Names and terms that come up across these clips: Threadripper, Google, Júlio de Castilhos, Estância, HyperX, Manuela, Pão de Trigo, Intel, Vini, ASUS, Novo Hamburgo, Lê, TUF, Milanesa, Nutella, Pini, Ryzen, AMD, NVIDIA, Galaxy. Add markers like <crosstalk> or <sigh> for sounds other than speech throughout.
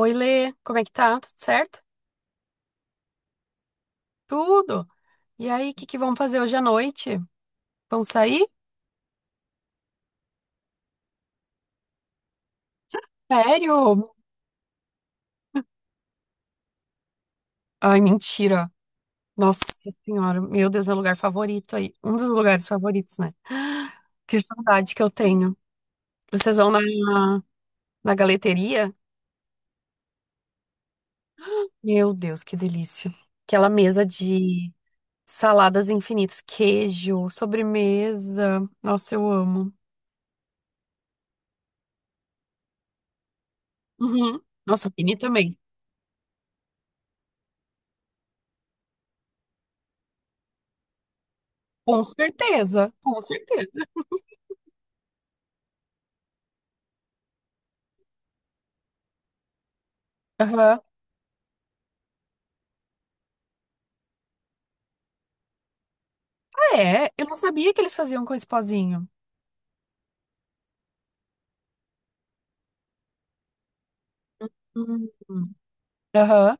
Oi, Lê, como é que tá? Tudo certo? Tudo. E aí, o que que vão fazer hoje à noite? Vão sair? Sério? Ai, mentira. Nossa Senhora, meu Deus, meu lugar favorito aí. Um dos lugares favoritos, né? <gasps> Que saudade que eu tenho. Vocês vão na galeteria? Meu Deus, que delícia. Aquela mesa de saladas infinitas, queijo, sobremesa. Nossa, eu amo. Uhum. Nossa, o Pini também. Com certeza, com certeza. Aham. É, eu não sabia que eles faziam com esse pozinho. Hum. Aham,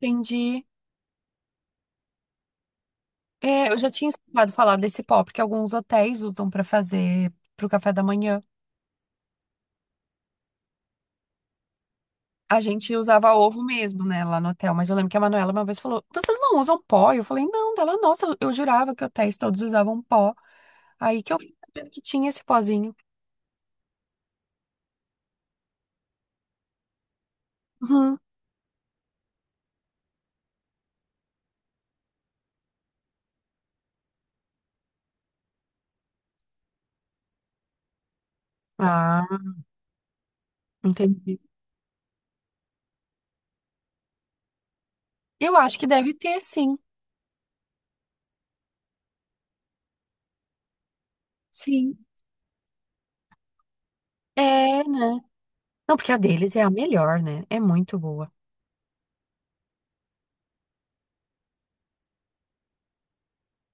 entendi. É, eu já tinha escutado falar desse pó, porque alguns hotéis usam pra fazer pro café da manhã. A gente usava ovo mesmo, né, lá no hotel. Mas eu lembro que a Manuela uma vez falou: Vocês não usam pó? Eu falei: Não, dela, nossa, eu jurava que hotéis todos usavam pó. Aí que eu fiquei sabendo que tinha esse pozinho. Uhum. Ah, entendi. Eu acho que deve ter, sim. Sim. É, né? Não, porque a deles é a melhor, né? É muito boa.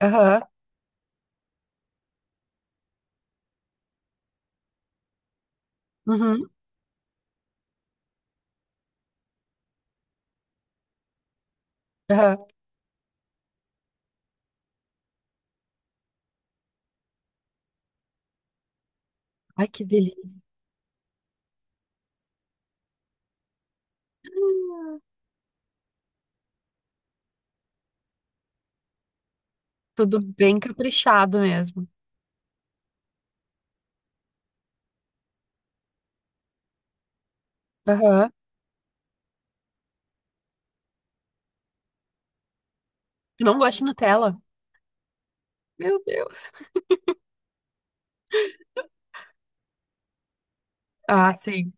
Aham. Uhum. Aham. Ai, que delícia. Ah, tudo bem caprichado mesmo. Aham. Eu não gosto de Nutella. Meu Deus. Ah, sim.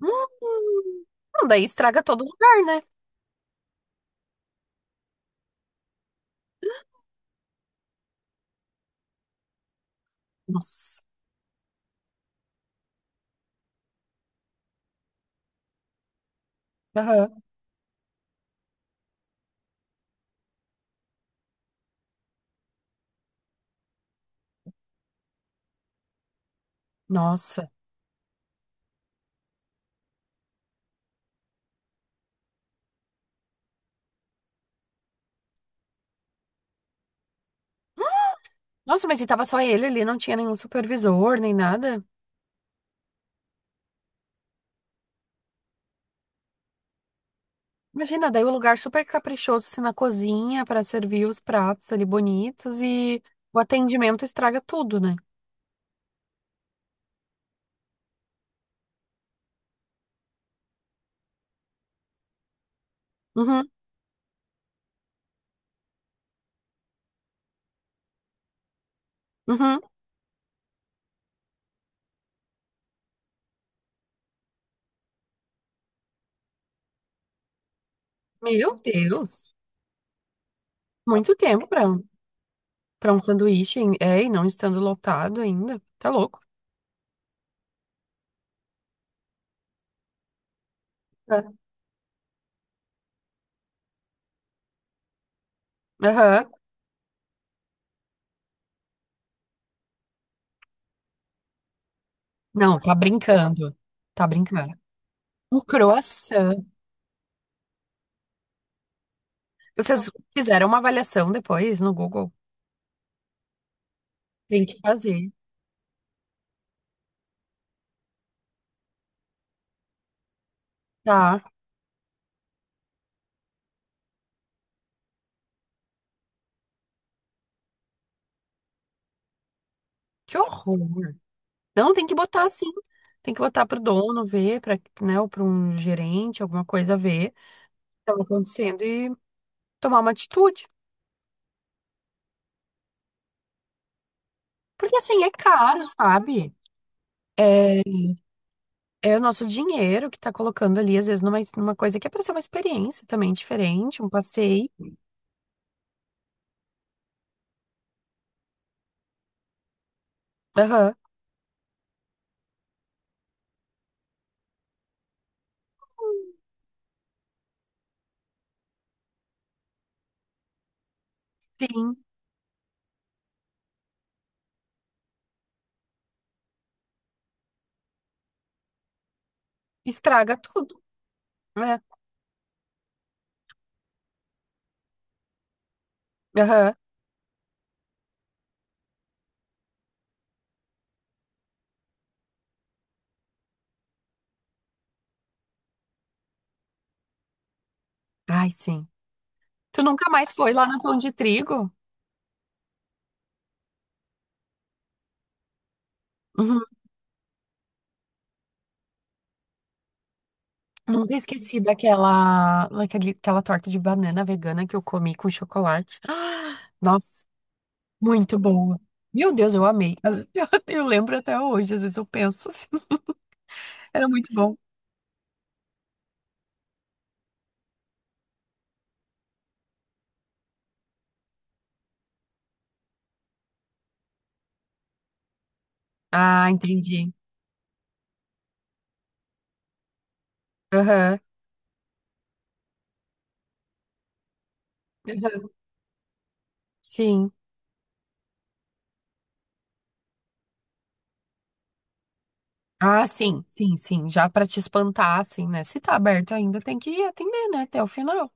Hum. Não, daí estraga todo lugar, né? Nossa. Aham. Nossa. Nossa, mas e tava só ele ali, não tinha nenhum supervisor, nem nada. Imagina, daí o lugar super caprichoso, assim, na cozinha, pra servir os pratos ali bonitos e o atendimento estraga tudo, né? Uhum, uhum. Meu Deus. Muito tempo pra. Pra um sanduíche, hein? É, e não estando lotado ainda. Tá louco. É. Aham. Não, tá brincando. Tá brincando. Um croissant. Vocês fizeram uma avaliação depois no Google? Tem que fazer. Tá. Que horror. Não, tem que botar assim. Tem que botar pro dono ver, pra, né, ou pra um gerente, alguma coisa ver o que tava acontecendo e tomar uma atitude. Porque assim, é caro, sabe? É o nosso dinheiro que tá colocando ali, às vezes, numa coisa que é pra ser uma experiência também diferente, um passeio. Aham. Sim. Estraga tudo, né? Aham. Ai, sim. Tu nunca mais foi lá na Pão de Trigo? Uhum. Nunca esqueci daquela, daquele- aquela torta de banana vegana que eu comi com chocolate. Ah, nossa, muito boa. Meu Deus, eu amei. <laughs> Eu lembro até hoje, às vezes eu penso assim. Era muito bom. Ah, entendi. Aham. Aham. Sim. Ah, sim, sim, sim. Já pra te espantar, assim, né? Se tá aberto ainda, tem que atender, né? Até o final.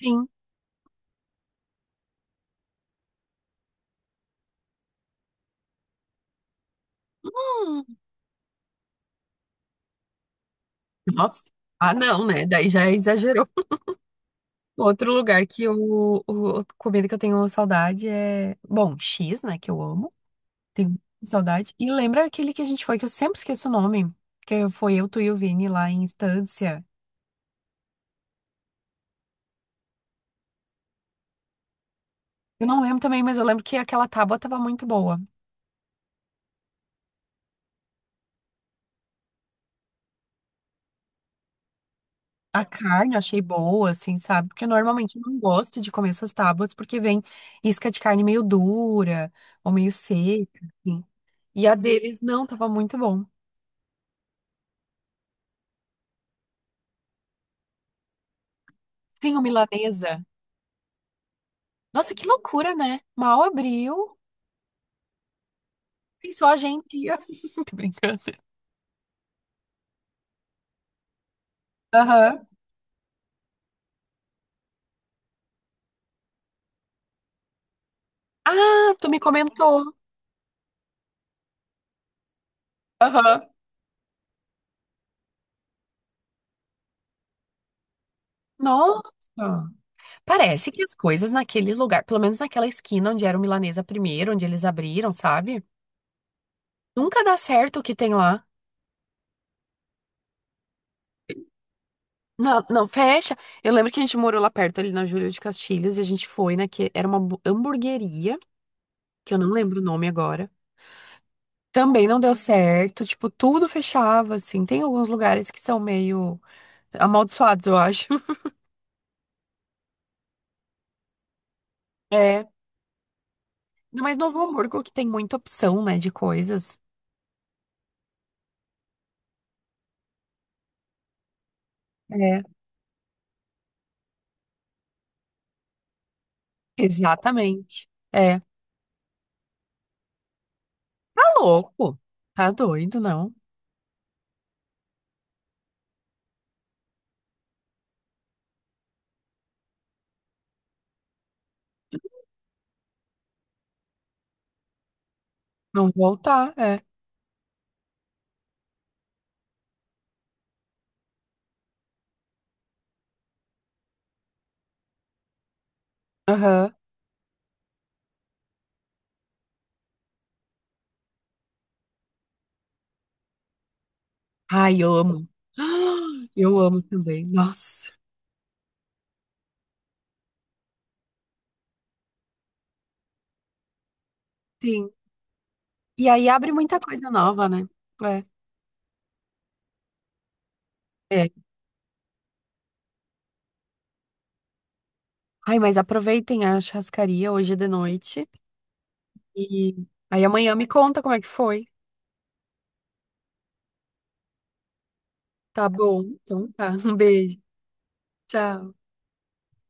Sim. Nossa. Ah, não, né? Daí já exagerou. <laughs> Outro lugar que eu, o, comida que eu tenho saudade é, bom, X, né, que eu amo. Tenho saudade. E lembra aquele que a gente foi, que eu sempre esqueço o nome, que foi eu, tu e o Vini lá em Estância. Eu não lembro também, mas eu lembro que aquela tábua tava muito boa. A carne eu achei boa, assim, sabe? Porque normalmente eu não gosto de comer essas tábuas porque vem isca de carne meio dura ou meio seca, assim. E a deles não, tava muito bom. Tem o milanesa. Nossa, que loucura, né? Mal abriu, pensou a gente ia. <laughs> Tô brincando. Aham. Ah, tu me comentou. Aham. Nossa. Ah. Parece que as coisas naquele lugar, pelo menos naquela esquina onde era o Milanesa primeiro, onde eles abriram, sabe? Nunca dá certo o que tem lá. Não, não, fecha. Eu lembro que a gente morou lá perto, ali na Júlio de Castilhos, e a gente foi, né? Que era uma hambu- hamburgueria, que eu não lembro o nome agora. Também não deu certo, tipo, tudo fechava, assim. Tem alguns lugares que são meio. Amaldiçoados, eu acho. <laughs> É. Ainda mais Novo Hamburgo, que tem muita opção, né, de coisas. É. Exatamente. É. Tá louco. Tá doido, não. Não voltar, é. Aham. Ai, eu amo. <gasps> Eu amo também. Nossa. Sim. E aí abre muita coisa nova, né? É. É. Ai, mas aproveitem a churrascaria hoje de noite. E aí amanhã me conta como é que foi. Tá bom. Então tá. Um beijo. Tchau.